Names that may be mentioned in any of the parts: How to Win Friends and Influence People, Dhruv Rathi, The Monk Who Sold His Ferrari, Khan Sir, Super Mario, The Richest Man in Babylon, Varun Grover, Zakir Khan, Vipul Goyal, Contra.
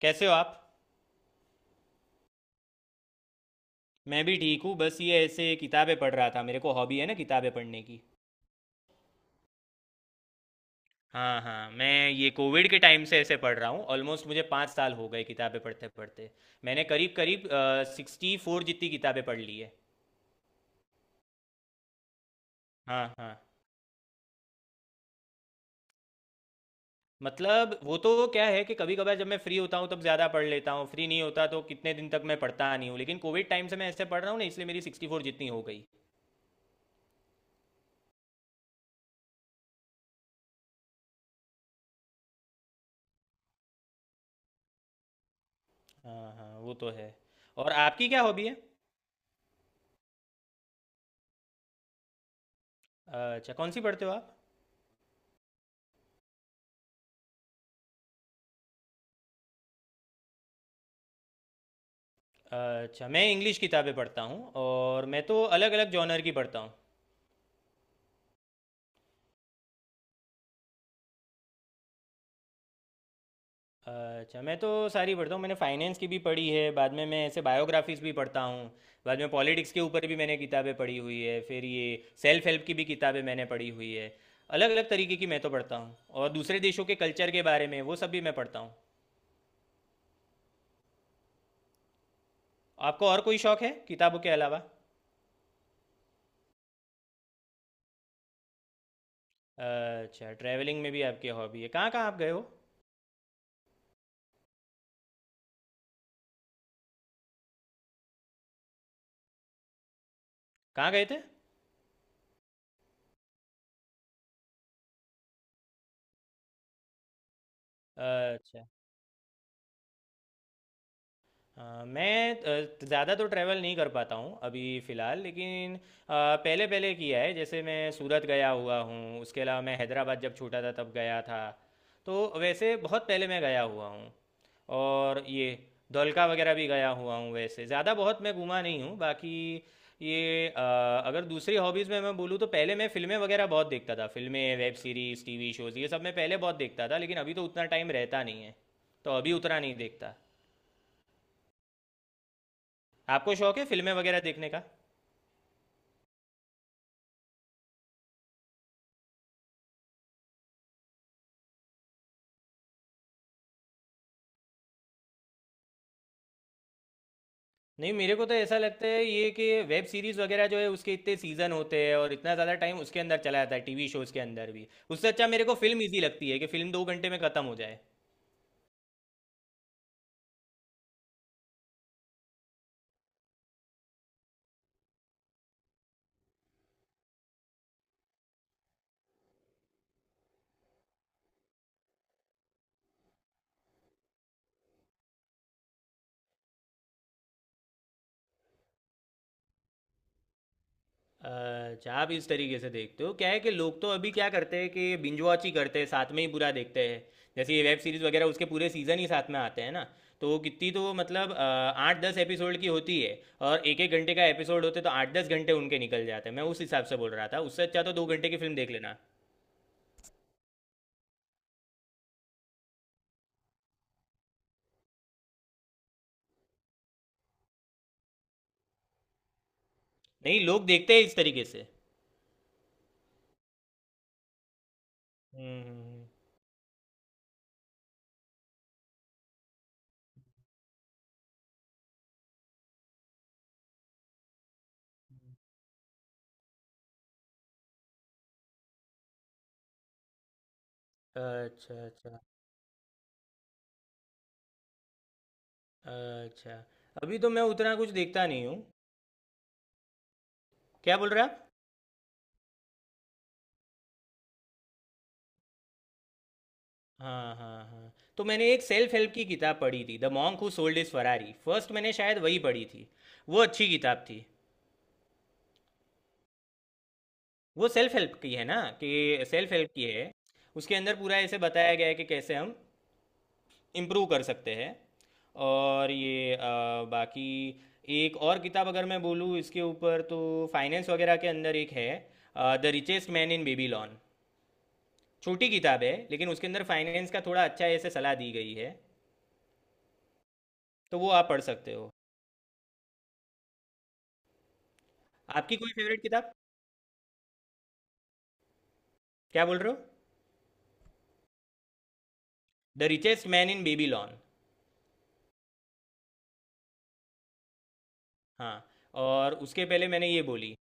कैसे हो आप। मैं भी ठीक हूँ, बस ये ऐसे किताबें पढ़ रहा था। मेरे को हॉबी है ना किताबें पढ़ने की। हाँ हाँ, मैं ये कोविड के टाइम से ऐसे पढ़ रहा हूँ। ऑलमोस्ट मुझे 5 साल हो गए किताबें पढ़ते पढ़ते। मैंने करीब करीब 64 जितनी किताबें पढ़ ली है। हाँ हाँ। मतलब वो तो क्या है कि कभी कभार जब मैं फ्री होता हूँ तब ज़्यादा पढ़ लेता हूँ, फ्री नहीं होता तो कितने दिन तक मैं पढ़ता नहीं हूँ, लेकिन कोविड टाइम से मैं ऐसे पढ़ रहा हूँ ना इसलिए मेरी 64 जितनी हो गई। हाँ हाँ, वो तो है। और आपकी क्या हॉबी है? अच्छा, कौन सी पढ़ते हो आप? अच्छा, मैं इंग्लिश किताबें पढ़ता हूँ, और मैं तो अलग अलग जॉनर की पढ़ता हूँ। अच्छा, मैं तो सारी पढ़ता हूँ। मैंने फाइनेंस की भी पढ़ी है, बाद में मैं ऐसे बायोग्राफीज भी पढ़ता हूँ। बाद में पॉलिटिक्स के ऊपर भी मैंने किताबें पढ़ी हुई है, फिर ये सेल्फ हेल्प की भी किताबें मैंने पढ़ी हुई है। अलग अलग तरीके की मैं तो पढ़ता हूँ। और दूसरे देशों के कल्चर के बारे में वो सब भी मैं पढ़ता हूँ। आपको और कोई शौक है किताबों के अलावा? अच्छा, ट्रैवलिंग में भी आपकी हॉबी है। कहाँ कहाँ आप गए हो? कहाँ गए थे? अच्छा। मैं ज़्ज़्यादा तो ट्रैवल नहीं कर पाता हूँ अभी फ़िलहाल, लेकिन पहले पहले किया है। जैसे मैं सूरत गया हुआ हूँ, उसके अलावा मैं हैदराबाद जब छोटा था तब गया था। तो वैसे बहुत पहले मैं गया हुआ हूँ। और ये धोलका वगैरह भी गया हुआ हूँ। वैसे ज़्यादा बहुत मैं घूमा नहीं हूँ बाकी। ये अ, अगर दूसरी हॉबीज़ में मैं बोलूँ तो पहले मैं फ़िल्में वगैरह बहुत देखता था। फ़िल्में, वेब सीरीज़, टीवी शोज़, ये सब मैं पहले बहुत देखता था, लेकिन अभी तो उतना टाइम रहता नहीं है। तो अभी उतना नहीं देखता। आपको शौक है फिल्में वगैरह देखने का? नहीं, मेरे को तो ऐसा लगता है ये कि वेब सीरीज़ वगैरह जो है उसके इतने सीज़न होते हैं और इतना ज़्यादा टाइम उसके अंदर चला जाता है, टीवी शोज़ के अंदर भी। उससे अच्छा मेरे को फिल्म ईजी लगती है कि फिल्म 2 घंटे में ख़त्म हो जाए। अच्छा, आप इस तरीके से देखते हो? क्या है कि लोग तो अभी क्या करते हैं कि बिंज वॉच ही करते हैं, साथ में ही पूरा देखते हैं। जैसे ये वेब सीरीज़ वगैरह उसके पूरे सीज़न ही साथ में आते हैं ना, तो वो कितनी तो मतलब आठ दस एपिसोड की होती है। और एक एक घंटे का एपिसोड होते तो आठ दस घंटे उनके निकल जाते हैं। मैं उस हिसाब से बोल रहा था, उससे अच्छा तो 2 घंटे की फिल्म देख लेना। नहीं, लोग देखते हैं इस तरीके से। हम्म हम्म, हम्म। अच्छा अच्छा। अच्छा। अभी तो मैं उतना कुछ देखता नहीं हूँ। क्या बोल रहे? हाँ हाँ हाँ, तो मैंने एक सेल्फ हेल्प की किताब पढ़ी थी, the monk who sold his Ferrari. First मैंने शायद वही पढ़ी थी। वो अच्छी किताब थी। वो सेल्फ हेल्प की है ना, कि सेल्फ हेल्प की है। उसके अंदर पूरा ऐसे बताया गया है कि कैसे हम इम्प्रूव कर सकते हैं। और ये अ, बाकी एक और किताब अगर मैं बोलूँ इसके ऊपर तो फाइनेंस वगैरह के अंदर एक है, the richest man in Babylon. छोटी किताब है, लेकिन उसके अंदर फाइनेंस का थोड़ा अच्छा ऐसे सलाह दी गई है। तो वो आप पढ़ सकते हो। आपकी कोई फेवरेट किताब? क्या बोल रहे हो? The richest man in Babylon. हाँ। और उसके पहले मैंने ये बोली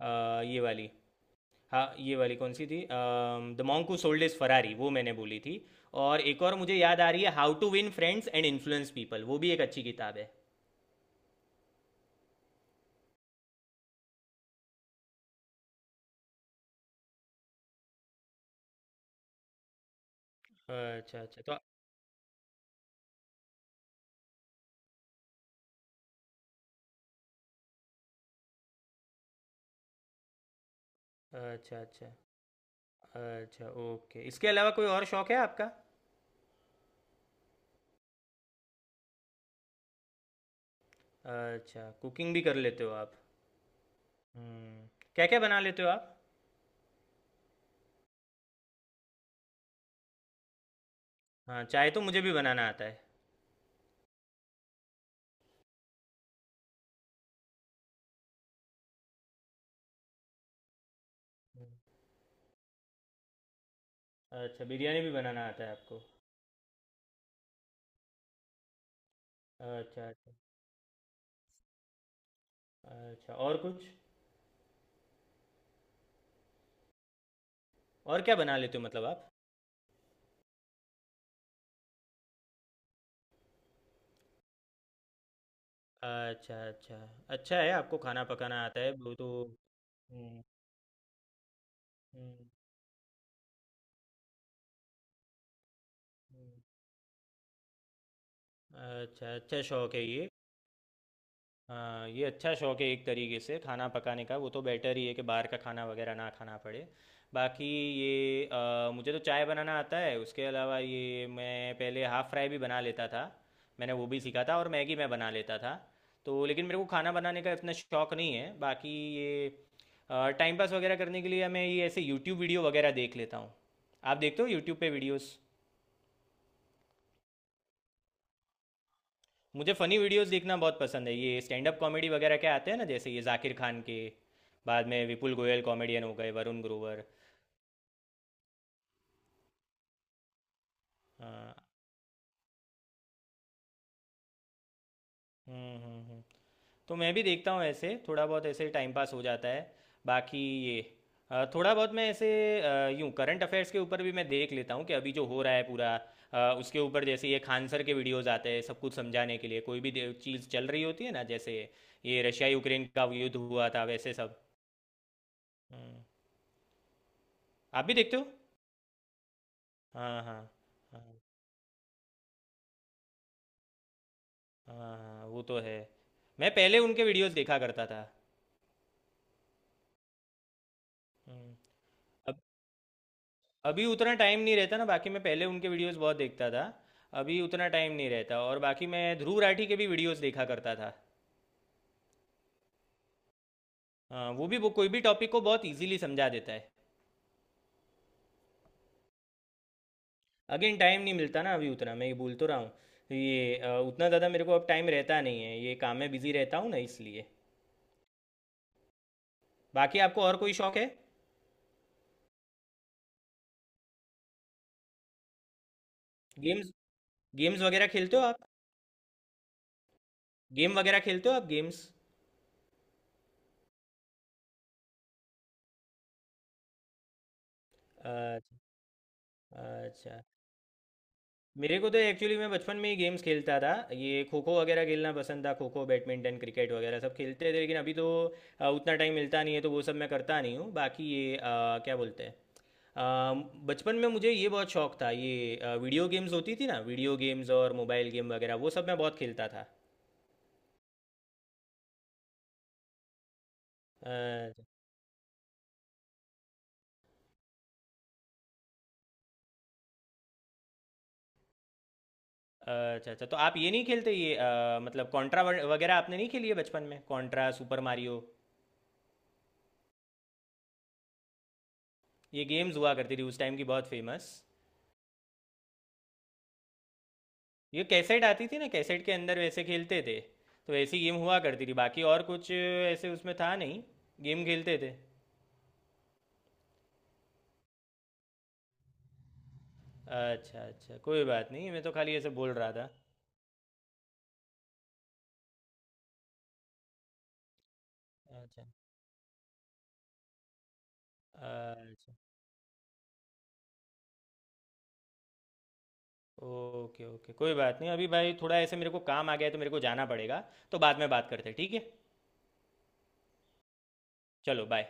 ये वाली, हाँ ये वाली कौन सी थी, the monk who sold is Ferrari, वो मैंने बोली थी। और एक और मुझे याद आ रही है, how to win friends and influence people, वो भी एक अच्छी किताब है। अच्छा अच्छा। तो अच्छा अच्छा। अच्छा ओके, इसके अलावा कोई और शौक है आपका? अच्छा, कुकिंग भी कर लेते हो आप? हम्म। क्या क्या बना लेते हो आप? हाँ, चाय तो मुझे भी बनाना आता है। अच्छा, बिरयानी भी बनाना आता है आपको? अच्छा अच्छा, और कुछ? और क्या बना लेते हो मतलब आप? अच्छा अच्छा। अच्छा है, आपको खाना पकाना आता है वो तो। हम्म, हम्म, हम्म। अच्छा अच्छा, शौक है ये। हाँ, ये अच्छा शौक है एक तरीके से, खाना पकाने का। वो तो बेटर ही है कि बाहर का खाना वगैरह ना खाना पड़े। बाकी मुझे तो चाय बनाना आता है। उसके अलावा ये मैं पहले हाफ़ फ्राई भी बना लेता था, मैंने वो भी सीखा था। और मैगी मैं बना लेता था। तो लेकिन मेरे को खाना बनाने का इतना शौक नहीं है बाकी। ये टाइम पास वगैरह करने के लिए मैं ये ऐसे यूट्यूब वीडियो वगैरह देख लेता हूँ। आप देखते हो यूट्यूब पे वीडियोस? मुझे फ़नी वीडियोस देखना बहुत पसंद है। ये स्टैंड अप कॉमेडी वगैरह क्या आते हैं ना, जैसे ये जाकिर खान के, बाद में विपुल गोयल कॉमेडियन हो गए, वरुण ग्रोवर। अ, हम्म हम्म हम्म तो मैं भी देखता हूँ ऐसे, थोड़ा बहुत ऐसे टाइम पास हो जाता है। बाकी ये थोड़ा बहुत मैं ऐसे यूं करंट अफेयर्स के ऊपर भी मैं देख लेता हूँ कि अभी जो हो रहा है पूरा। उसके ऊपर जैसे ये खान सर के वीडियोस आते हैं सब कुछ समझाने के लिए, कोई भी चीज़ चल रही होती है ना, जैसे ये रशिया यूक्रेन का युद्ध हुआ था, वैसे सब। हम्म, आप भी देखते हो? हाँ हाँ हाँ। हाँ हाँ, वो तो है। मैं पहले उनके वीडियोस देखा करता था। हम्म, अभी उतना टाइम नहीं रहता ना, बाकी मैं पहले उनके वीडियोस बहुत देखता था। अभी उतना टाइम नहीं रहता। और बाकी मैं ध्रुव राठी के भी वीडियोस देखा करता था। हाँ, वो भी वो कोई भी टॉपिक को बहुत इजीली समझा देता है। अगेन टाइम नहीं मिलता ना अभी उतना, मैं ये बोल तो रहा हूँ। उतना ज़्यादा मेरे को अब टाइम रहता नहीं है, ये काम में बिज़ी रहता हूँ ना इसलिए। बाकी आपको और कोई शौक है? गेम्स, गेम्स वगैरह खेलते हो आप? गेम वगैरह खेलते हो आप, गेम्स? अच्छा अच्छा। मेरे को तो एक्चुअली मैं बचपन में ही गेम्स खेलता था। ये खो खो वगैरह खेलना पसंद था, खो खो, बैडमिंटन, क्रिकेट वगैरह सब खेलते थे, लेकिन अभी तो उतना टाइम मिलता नहीं है तो वो सब मैं करता नहीं हूँ। बाकी ये अ, क्या बोलते हैं अ, बचपन में मुझे ये बहुत शौक था, ये वीडियो गेम्स होती थी ना, वीडियो गेम्स और मोबाइल गेम वगैरह, वो सब मैं बहुत खेलता था। अच्छा अच्छा। अच्छा, तो आप ये नहीं खेलते ये मतलब कॉन्ट्रा वगैरह आपने नहीं खेली है बचपन में? कॉन्ट्रा, सुपर मारियो, ये गेम्स हुआ करती थी उस टाइम की, बहुत फेमस। ये कैसेट आती थी ना, कैसेट के अंदर वैसे खेलते थे। तो ऐसी गेम हुआ करती थी, बाकी और कुछ ऐसे उसमें था नहीं। गेम खेलते थे। अच्छा अच्छा, कोई बात नहीं, मैं तो खाली ऐसे बोल रहा था। अच्छा अच्छा, ओके ओके, कोई बात नहीं। अभी भाई थोड़ा ऐसे मेरे को काम आ गया है तो मेरे को जाना पड़ेगा। तो बाद में बात करते हैं, ठीक है? चलो बाय।